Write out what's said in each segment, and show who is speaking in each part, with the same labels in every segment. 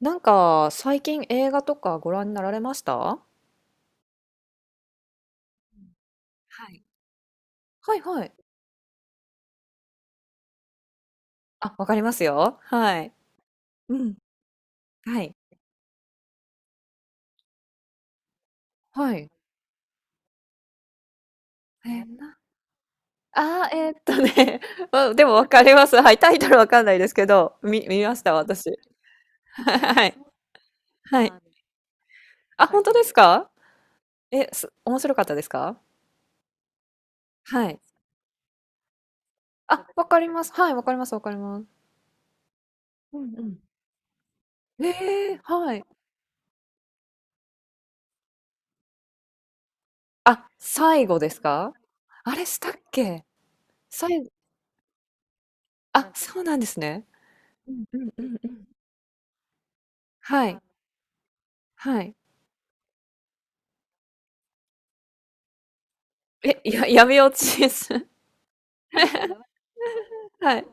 Speaker 1: 最近映画とかご覧になられました、はい。はいはい。あ、わかりますよ。はい。うん。はい。はい。え、え、な、あー、えーっとね、まあでもわかります。はい。タイトルわかんないですけど、見ました、私。はい。はい。あ、本当ですか？え、す、面白かったですか？はい。あ、わかります。はい、わかります、わかります。えー、はい。あ、最後ですか？あれしたっけ？最後、あ、そうなんですね。うんうんうんうん。はい。はい。え、や、闇落ちです。はい。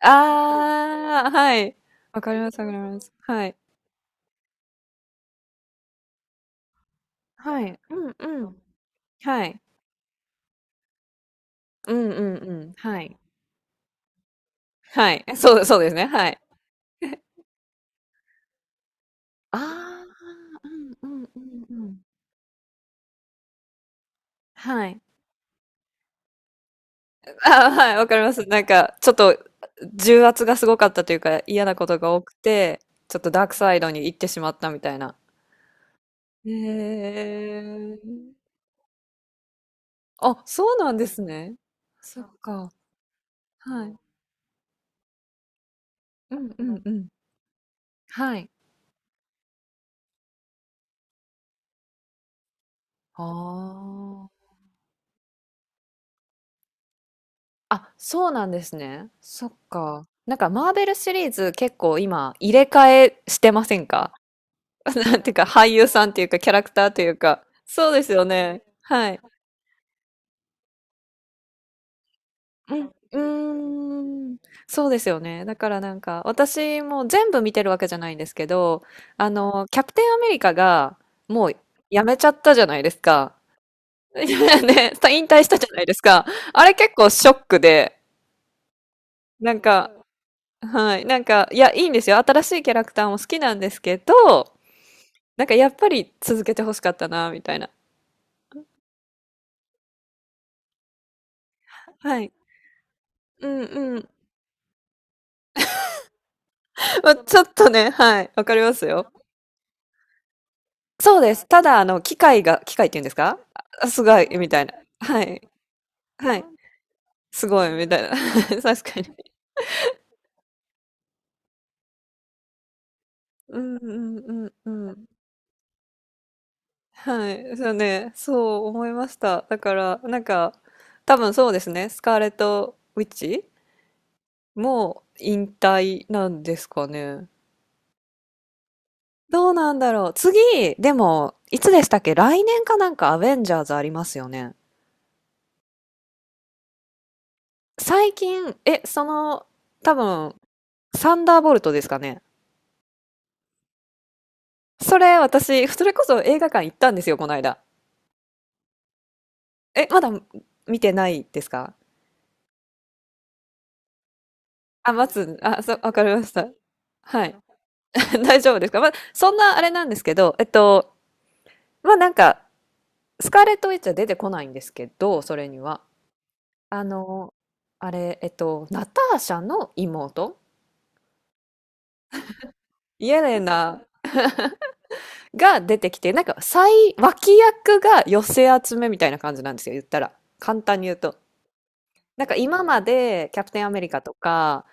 Speaker 1: ああ、はい。わかりますわかります。はい。はい。うんうん。はい。うんうんうん。はい。はい。そうですね。はい。ああ、うんうんうんうん。はい。ああ、はい、わかります。ちょっと、重圧がすごかったというか、嫌なことが多くて、ちょっとダークサイドに行ってしまったみたいな。へえ。あ、そうなんですね。そっか。はい。うんうんんうん。はい。ああ。あ、そうなんですね。そっか。なんかマーベルシリーズ結構今入れ替えしてませんか？ なんていうか俳優さんっていうかキャラクターというか。そうですよね。はい。うん。うーん。そうですよね。だからなんか私も全部見てるわけじゃないんですけど、あの、キャプテンアメリカがもうやめちゃったじゃないですか。いやね、た、引退したじゃないですか。あれ結構ショックで、なんか、はい、いいんですよ。新しいキャラクターも好きなんですけど、なんかやっぱり続けて欲しかったな、みたいな。はい。うんうん。まあ、ちょっとね、はい、わかりますよ。そうです。ただ、あの、機械が、機械って言うんですか？あ、すごい、みたいな。はい、はい。すごい、みたいな。確かに。うんうんうんうん。はい、そうね、そう思いました。だから、多分そうですね、スカーレット・ウィッチもう引退なんですかね。どうなんだろう。次、でも、いつでしたっけ、来年かなんかアベンジャーズありますよね。最近、その、多分、サンダーボルトですかね。それ、私、それこそ映画館行ったんですよ、この間。え、まだ見てないですか？あ、待つ、あ、そう、わかりました。はい。大丈夫ですか？まあ、そんなあれなんですけど、えっと、まあスカーレット・ウィッチは出てこないんですけど、それには。あの、あれ、えっと、ナターシャの妹、イエレナが出てきて、なんか、最脇役が寄せ集めみたいな感じなんですよ、言ったら。簡単に言うと。なんか今まで、キャプテン・アメリカとか、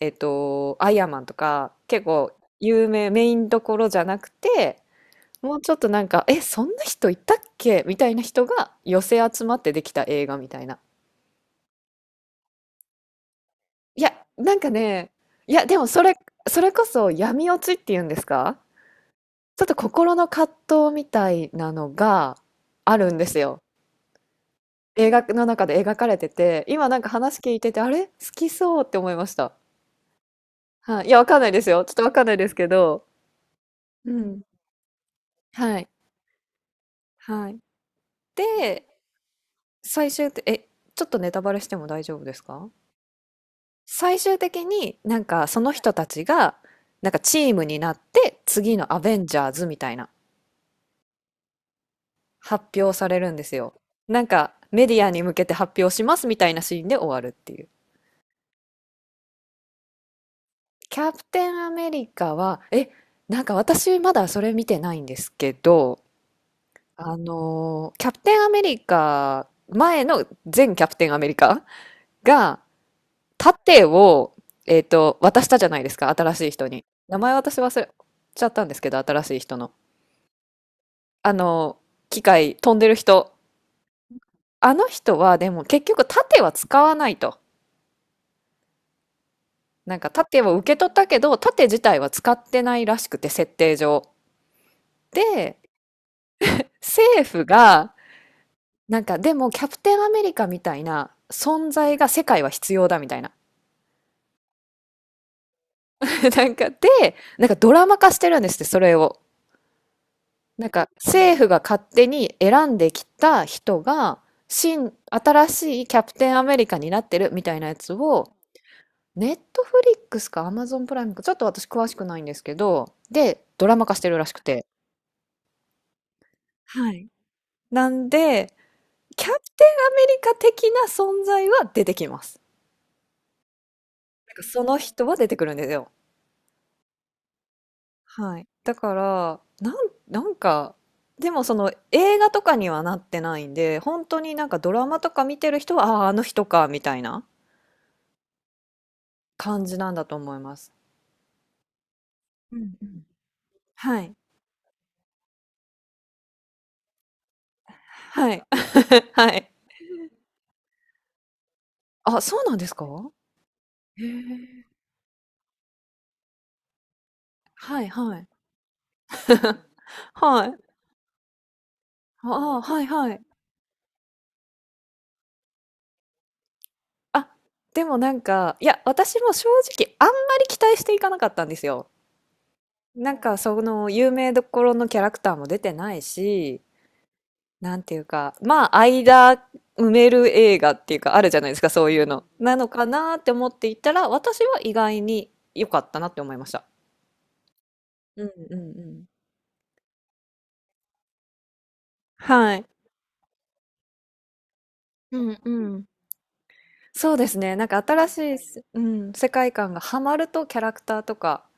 Speaker 1: えっと、アイアンマンとか、結構有名、メインどころじゃなくて、もうちょっとなんか、え、そんな人いたっけみたいな人が寄せ集まってできた映画みたいな。いや、なんかね、いや、でもそれ、それこそ闇落ちっていうんですか？ちょっと心の葛藤みたいなのがあるんですよ。映画の中で描かれてて、今なんか話聞いてて、あれ好きそうって思いました。はい。いや、わかんないですよ。ちょっとわかんないですけど。うん。はい。はい。で、最終って、え、ちょっとネタバレしても大丈夫ですか？最終的になんかその人たちがなんかチームになって次のアベンジャーズみたいな発表されるんですよ。なんかメディアに向けて発表しますみたいなシーンで終わるっていう。キャプテンアメリカは、え、なんか私まだそれ見てないんですけど、あのーキャプテンアメリカ、前の前キャプテンアメリカが盾を、えっと、渡したじゃないですか、新しい人に。名前私忘れちゃったんですけど、新しい人の。あの、機械飛んでる人。あの人はでも結局盾は使わないと。なんか盾を受け取ったけど、盾自体は使ってないらしくて、設定上。で、政府が、なんかでもキャプテンアメリカみたいな存在が世界は必要だみたいな。なんかで、なんかドラマ化してるんですって、それを。なんか政府が勝手に選んできた人が、新しいキャプテンアメリカになってるみたいなやつを、ネットフリックスかアマゾンプライムか、ちょっと私詳しくないんですけど、で、ドラマ化してるらしくて。はい。なんで、キャプテンアメリカ的な存在は出てきます。なんかその人は出てくるんですよ。はい。だから、なんか、でもその映画とかにはなってないんで、本当になんかドラマとか見てる人は、ああー、あの人か、みたいな感じなんだと思います。うんうん。はい。はい。はい。あ、そうなんですか？へえ。はいはい。はい。ああ、はいはい。あ、でもなんか、いや、私も正直あんまり期待していかなかったんですよ。なんかその有名どころのキャラクターも出てないし、なんていうか、まあ間埋める映画っていうかあるじゃないですか、そういうの。なのかなって思っていたら、私は意外に良かったなって思いました。うんうんうん。はい。うんうん。そうですね。なんか新しい、うん、世界観がハマるとキャラクターとか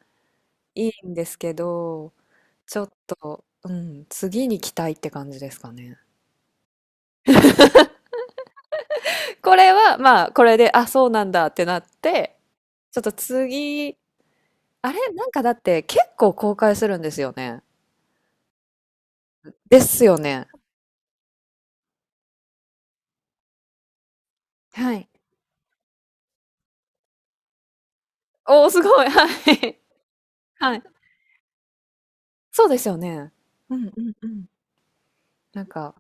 Speaker 1: いいんですけど、ちょっと、うん、次に期待って感じですかね。これは、まあ、これで、あ、そうなんだってなって、ちょっと次、あれなんかだって結構公開するんですよね。ですよね。はい。おー、すごい。はい。はい。そうですよね。うんうんうん。なんか、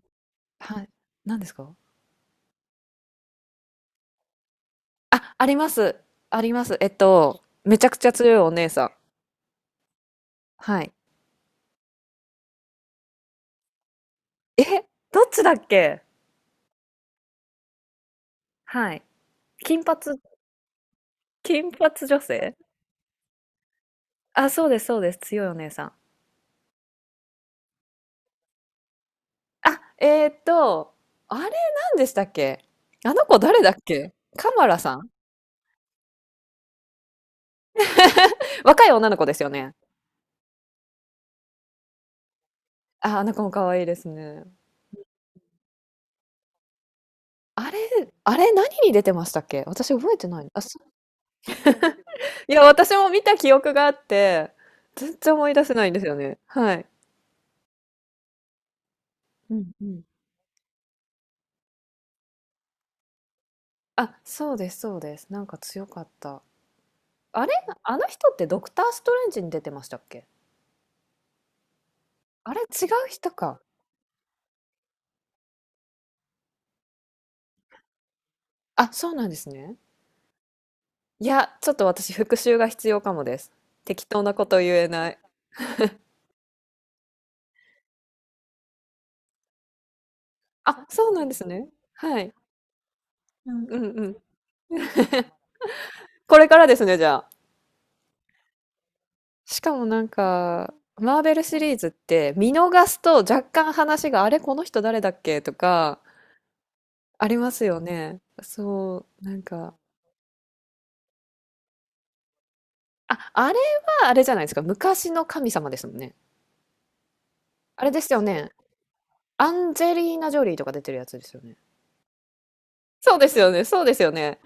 Speaker 1: はい。何ですか？あ、あります。あります。えっと、めちゃくちゃ強いお姉さん。はい。え、どっちだっけ？はい。金髪、金髪女性、あ、そうですそうです。強いお姉さん。あ、えーっと、あれ何でしたっけ？あの子誰だっけ？カマラさん、若い女の子ですよね。あ、あの子も可愛いですね。あれ、あれ何に出てましたっけ？私覚えてない。あ、そ、いや、私も見た記憶があって、全然思い出せないんですよね。はい。うんうん。あ、そうです、そうです。なんか強かった。あれ、あの人ってドクターストレンジに出てましたっけ？あれ違う人か。あ、そうなんですね。いや、ちょっと私復習が必要かもです。適当なこと言えない。あ、そうなんですね。はい。うんうん。これからですね、じゃあ。しかもなんか、マーベルシリーズって見逃すと若干話が、あれ、この人誰だっけとか、ありますよね。そう、なんか。あ、あれはあれじゃないですか。昔の神様ですもんね。あれですよね。アンジェリーナ・ジョリーとか出てるやつですよね。そうですよね。そうですよね。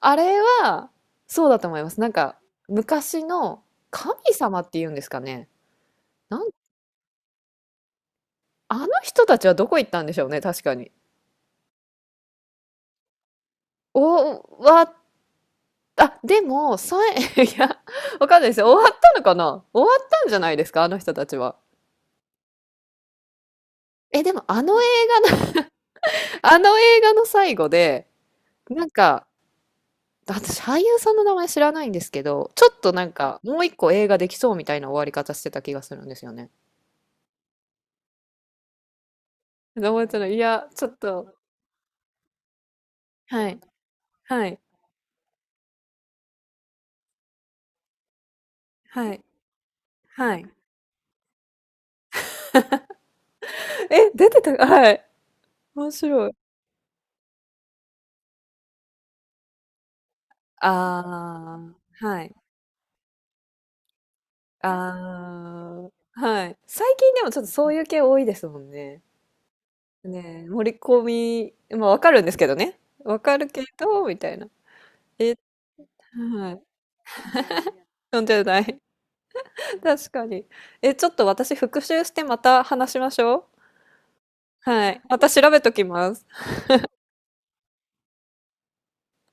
Speaker 1: あれは、そうだと思います。なんか、昔の神様っていうんですかね。なん、あの人たちはどこ行ったんでしょうね、確かに。お、わ、あ、でも、さ、え、いや、わかんないですよ。終わったのかな？終わったんじゃないですか、あの人たちは。え、でも、あの映画の あの映画の最後で、なんか、私、俳優さんの名前知らないんですけど、ちょっとなんか、もう一個映画できそうみたいな終わり方してた気がするんですよね。覚えてない。いや、ちょっと、はい、はい。はい。はい。え、出てた、はい。面白い。ああ、はい。ああ、はい。最近でもちょっとそういう系多いですもんね。ねえ、盛り込み、まあわかるんですけどね。わかるけど、みたいな。え、はい。4ない 確かに。え、ちょっと私復習してまた話しましょう。はい。また調べときます。